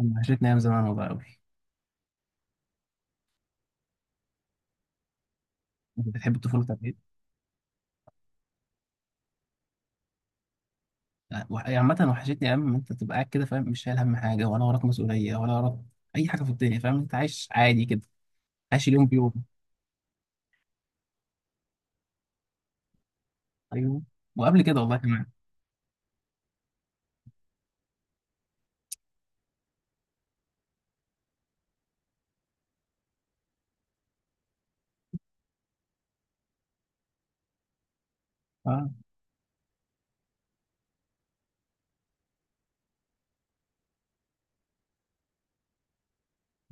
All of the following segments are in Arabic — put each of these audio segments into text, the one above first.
أنا وحشتني أيام زمان والله أوي. أنت بتحب الطفولة بتاعت إيه؟ أه، يعني عامة وحشتني أيام ما أنت تبقى قاعد كده، فاهم؟ مش شايل هم حاجة ولا وراك مسؤولية ولا وراك أي حاجة في الدنيا، فاهم؟ أنت عايش عادي كده، عايش اليوم بيوم. أيوه، وقبل كده والله كمان. أه،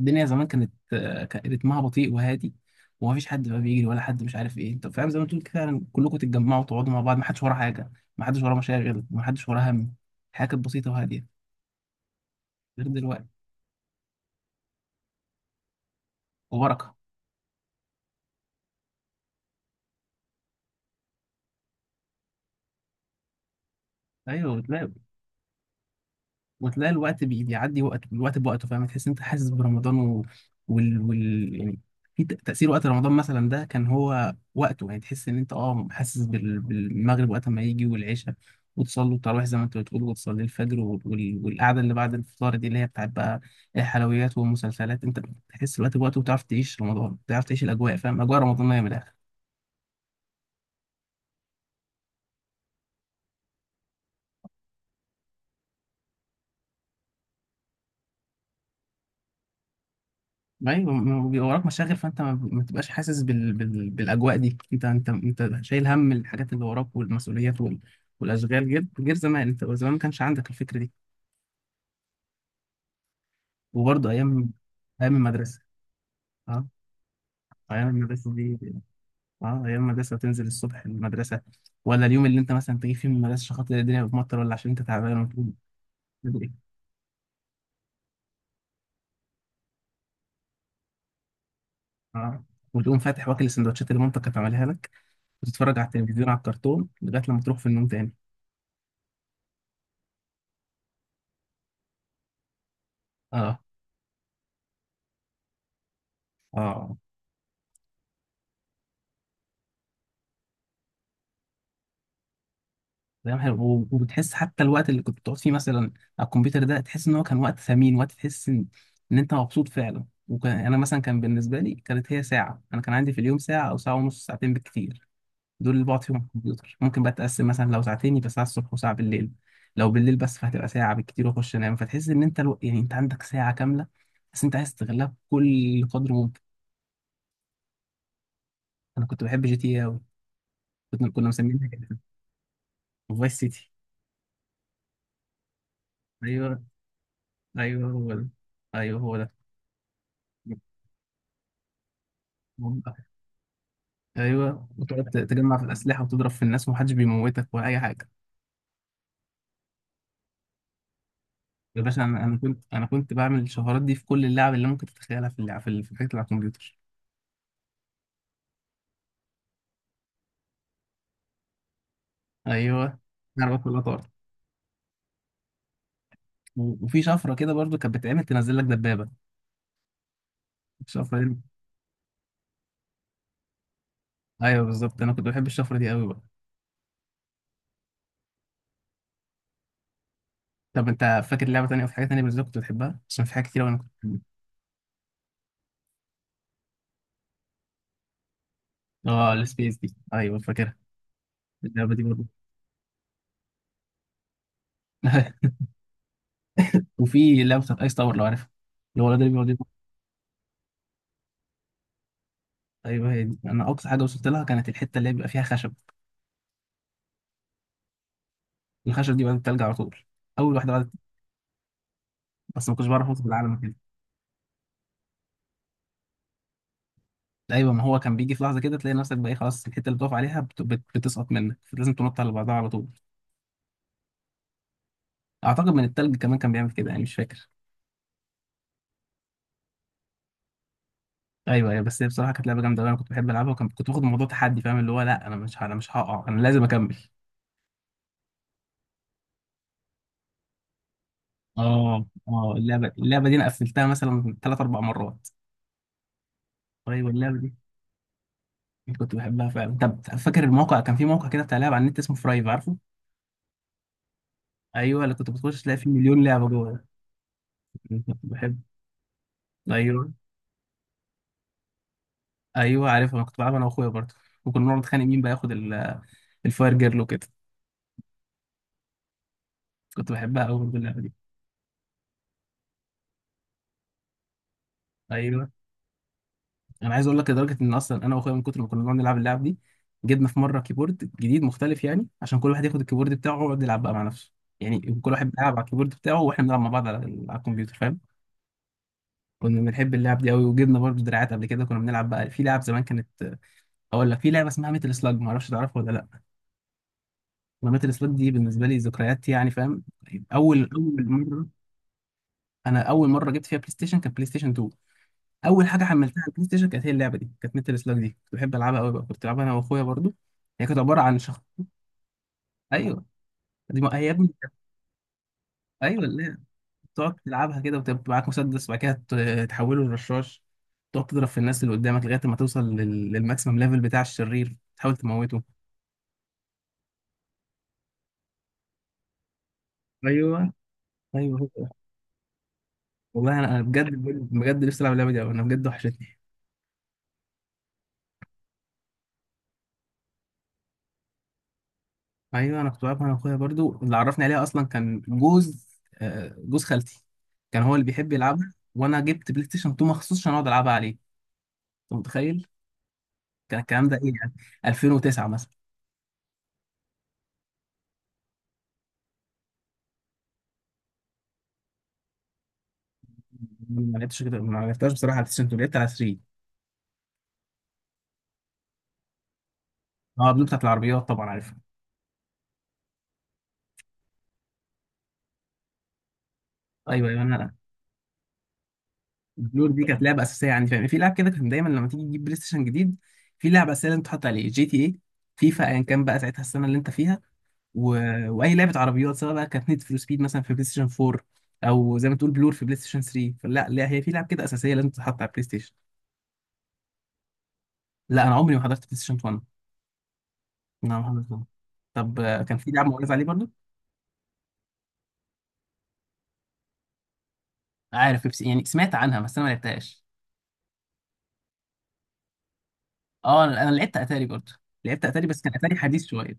الدنيا زمان كانت آه، كان رتمها بطيء وهادي، ومفيش حد بقى بيجري ولا حد مش عارف إيه، أنت فاهم؟ زي ما تقول كده فعلا كلكم تتجمعوا وتقعدوا مع بعض، محدش وراه حاجة، محدش وراه مشاغل، محدش وراه هم. الحياة كانت بسيطة وهادية غير دلوقتي، وبركة. أيوه بتلاقي، وتلاقي الوقت بيعدي وقت، الوقت بوقته، فاهم؟ تحس إن انت حاسس برمضان يعني في تأثير وقت رمضان مثلا، ده كان هو وقته يعني، تحس ان انت اه حاسس بالمغرب وقت ما يجي والعشاء، وتصلي التراويح زي ما انت بتقول، وتصلي الفجر والقعده اللي بعد الفطار دي اللي هي بتاعت بقى الحلويات والمسلسلات. انت بتحس الوقت بوقته، وتعرف تعيش رمضان، تعرف تعيش الاجواء، فاهم؟ اجواء رمضانيه من الاخر. ايوه، ما هو بيبقى وراك مشاغل، فانت ما بتبقاش حاسس بالاجواء دي. انت شايل هم الحاجات اللي وراك والمسؤوليات والاشغال، غير زمان، انت زمان ما كانش عندك الفكره دي. وبرضه ايام، ايام المدرسه. اه، ايام المدرسه دي، اه ايام المدرسه تنزل الصبح المدرسه، ولا اليوم اللي انت مثلا تيجي فيه من المدرسه عشان خاطر الدنيا بتمطر، ولا عشان انت تعبان وتقوم تدري. اه، وتقوم فاتح واكل السندوتشات اللي مامتك كانت عاملها لك، وتتفرج على التلفزيون على الكرتون لغايه لما تروح في النوم تاني. اه، اه، دايما حلو. وبتحس حتى الوقت اللي كنت بتقعد فيه مثلا على الكمبيوتر ده، تحس ان هو كان وقت ثمين، وقت تحس ان انت مبسوط فعلا. وكان انا مثلا كان بالنسبه لي كانت هي ساعه، انا كان عندي في اليوم ساعه او ساعه ونص، ساعتين بالكتير دول اللي بقعد فيهم على الكمبيوتر. ممكن بقى تقسم مثلا لو ساعتين يبقى ساعه الصبح وساعه بالليل، لو بالليل بس فهتبقى ساعه بالكتير واخش انام. فتحس ان انت يعني انت عندك ساعه كامله بس انت عايز تستغلها بكل قدر ممكن. انا كنت بحب جي تي قوي، كنا مسمينها كده فايس سيتي. ايوه، ايوه هو ده، ايوه هو ده، ايوه. وتقعد تجمع في الاسلحه وتضرب في الناس، ومحدش بيموتك ولا اي حاجه. يا باشا انا كنت بعمل الشفرات دي في كل اللعب اللي ممكن تتخيلها، في اللعب في الحاجات اللي على الكمبيوتر. ايوه عربيات كلها طارت. وفي شفره كده برضو كانت بتتعمل، تنزل لك دبابه الشفره دي. ايوه بالظبط، انا كنت بحب الشفره دي قوي بقى. طب انت فاكر لعبه تانيه، او في حاجه تانيه بالنسبه لك كنت بتحبها؟ عشان في حاجات كتير أوي انا كنت بحبها. اه السبيس دي، ايوه فاكرها، اللعبه دي برضو. وفي لعبه بتاعت ايس تاور لو عارفها، اللي هو الولد اللي بيقعد يضرب. ايوه هي دي. انا اقصى حاجه وصلت لها كانت الحته اللي هي بيبقى فيها خشب. الخشب دي بقت التلج على طول، اول واحده بدت، بس ما كنتش بعرف اظبط العالم كده. ايوه، ما هو كان بيجي في لحظه كده تلاقي نفسك بقى إيه، خلاص الحته اللي بتقف عليها بتسقط منك، لازم تنط على بعضها على طول. اعتقد من التلج كمان كان بيعمل كده يعني، مش فاكر. ايوه ايوه، بس هي بصراحه كانت لعبه جامده أوي، انا كنت بحب العبها. وكنت باخد الموضوع تحدي، فاهم؟ اللي هو لا، انا مش هقع، انا لازم اكمل. اه، اه، اللعبه دي انا قفلتها مثلا ثلاث اربع مرات. ايوه اللعبه دي كنت بحبها فعلا. طب فاكر الموقع؟ كان في موقع كده بتاع لعب على النت اسمه فرايف، عارفه؟ ايوه اللي كنت بتخش تلاقي فيه مليون لعبه جوه. كنت بحب. ايوه، ايوه عارف، انا كنت بلعب انا واخويا برضه، وكنا بنقعد نتخانق مين بقى ياخد الفاير جيرل وكده. كنت بحبها قوي برضه اللعبه دي. ايوه. انا عايز اقول لك لدرجه ان اصلا انا واخويا من كتر ما كنا بنقعد نلعب اللعب دي، جبنا في مره كيبورد جديد مختلف، يعني عشان كل واحد ياخد الكيبورد بتاعه ويقعد يلعب بقى مع نفسه، يعني كل واحد بيلعب على الكيبورد بتاعه، واحنا بنلعب مع بعض على الكمبيوتر، فاهم؟ كنا بنحب اللعب دي قوي. وجبنا برضه دراعات قبل كده، كنا بنلعب بقى في لعب زمان كانت. اقول لك في لعبه اسمها ميتل سلاج، ما اعرفش تعرفها ولا لا؟ انا ميتل سلاج دي بالنسبه لي ذكريات يعني، فاهم؟ اول مره، انا اول مره جبت فيها بلاي ستيشن كانت بلاي ستيشن 2. اول حاجه حملتها على البلاي ستيشن كانت هي اللعبه دي، كانت ميتال سلاج دي، كنت بحب العبها قوي بقى، كنت بلعبها انا واخويا برضو. هي كانت عباره عن شخص. ايوه، دي ما... هي يا ابني كانت، ايوه اللي هي تقعد تلعبها كده، وتبقى معاك مسدس، وبعد كده تحوله لرشاش. تقعد تضرب في الناس اللي قدامك لغايه ما توصل للماكسيمم ليفل بتاع الشرير، تحاول تموته. ايوه، ايوه هو ده. والله انا بجد، بجد نفسي العب اللعبه دي أوي، انا بجد وحشتني. ايوه، انا كنت بعرف، انا اخويا برضو اللي عرفني عليها اصلا كان جوز، آه، جوز خالتي. كان هو اللي بيحب يلعبها، وانا جبت بلاي ستيشن 2 مخصوص عشان اقعد العبها عليه. انت متخيل كان الكلام ده ايه يعني؟ 2009 مثلا. ما لعبتش كده، ما لعبتهاش بصراحه على البلاي ستيشن 2، لعبت على 3. اه، بلو بتاعت العربيات طبعا عارفها. ايوه ايوه، انا بلور دي كانت لعبه اساسيه، يعني فاهم؟ في لعب كده كان دايما لما تيجي تجيب بلاي ستيشن جديد، في لعبه اساسيه لازم تحط عليه جي تي اي، فيفا، ايا كان بقى ساعتها السنه اللي انت فيها. و... واي لعبه عربيات، سواء بقى كانت نيد فور سبيد مثلا في بلاي ستيشن 4، او زي ما تقول بلور في بلاي ستيشن 3، فلا لا هي في لعب كده اساسيه لازم تتحط على البلاي ستيشن. لا انا عمري ما حضرت بلاي ستيشن 1، انا ما حضرت ولا. طب آه، كان في لعب مؤلف عليه برضو. عارف بيبسي يعني، سمعت عنها بس انا ما لعبتهاش. اه، انا لعبت اتاري برضو، لعبت اتاري بس كان اتاري حديث شويه.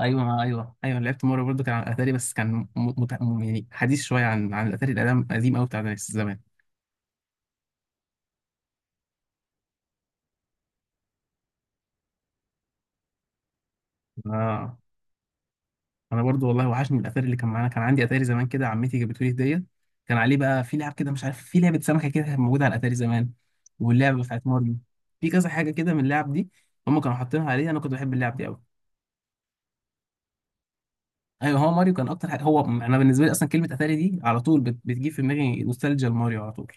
ايوه ايوه ايوه، لعبت مره برضو، كان على اتاري بس كان يعني حديث شويه عن الاتاري القديم القديم قوي بتاع زمان. اه، انا برضو والله وحشني الاثار اللي كان معانا، كان عندي اتاري زمان كده، عمتي جابته لي هديه. كان عليه بقى في لعب كده، مش عارف، في لعبه سمكه كده كانت موجوده على الاتاري زمان، واللعبه بتاعت ماريو، في كذا حاجه كده من اللعب دي، هم كانوا حاطينها عليه. انا كنت بحب اللعب دي قوي. ايوه هو ماريو كان اكتر حاجه، هو انا بالنسبه لي اصلا كلمه اتاري دي على طول بتجيب في دماغي نوستالجيا لماريو على طول.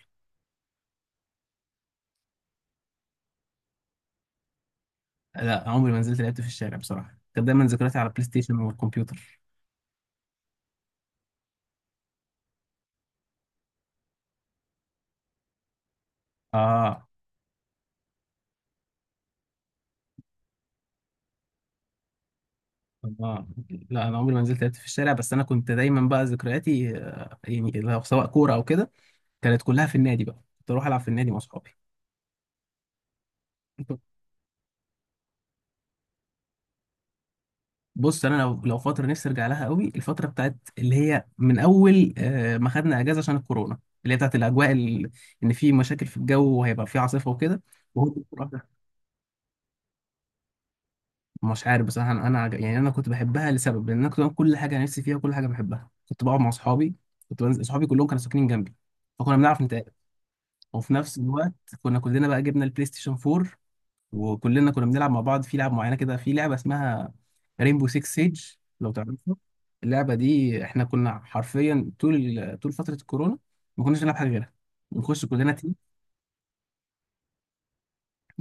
لا عمري ما نزلت لعبت في الشارع بصراحه، كانت دايما ذكرياتي على بلاي ستيشن والكمبيوتر. اه، اه، لا انا عمري ما نزلت لعبت في الشارع، بس انا كنت دايما بقى ذكرياتي آه، يعني لو سواء كوره او كده، كانت كلها في النادي بقى، كنت اروح العب في النادي مع اصحابي. بص انا لو فتره نفسي ارجع لها قوي، الفتره بتاعت اللي هي من اول آه، ما خدنا اجازه عشان الكورونا، اللي هي بتاعت الاجواء ان في مشاكل في الجو وهيبقى في عاصفه وكده، وهو الكورة- مش عارف بصراحه، يعني انا كنت بحبها لسبب، لان انا كنت بعمل كل حاجه نفسي فيها، وكل حاجه بحبها، كنت بقعد مع اصحابي، كنت بنزل اصحابي كلهم كانوا ساكنين جنبي، فكنا بنعرف نتقابل. وفي نفس الوقت كنا كلنا بقى جبنا البلاي ستيشن 4، وكلنا كنا بنلعب مع بعض في لعب معينه كده، في لعبه اسمها رينبو 6 سيج، لو تعرفها. اللعبه دي احنا كنا حرفيا طول فتره الكورونا ما كناش بنلعب حاجه غيرها، بنخش كلنا تيم.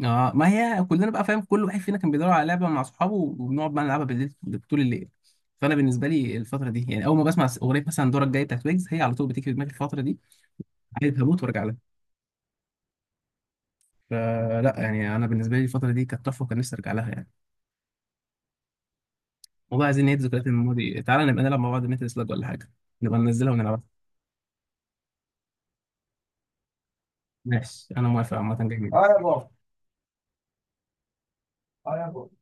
اه، ما هي كلنا بقى فاهم، كل واحد فينا كان بيدور على لعبه مع اصحابه، وبنقعد بقى نلعبها بالليل طول الليل. فانا بالنسبه لي الفتره دي يعني، اول ما بسمع اغنيه مثلا دورك جاي بتاعت ويجز، هي على طول بتيجي في دماغي الفتره دي، عايز هموت وارجع لها. فلا يعني انا بالنسبه لي الفتره دي كانت تحفه، وكان نفسي ارجع لها يعني. والله عايزين نعيد ذكريات الماضي، تعالى نبقى نلعب مع بعض ميتل سلاج ولا حاجة، نبقى ننزلها ونلعبها. ماشي، أنا موافق عامة. جميل، اه يا بابا. اه يا بابا.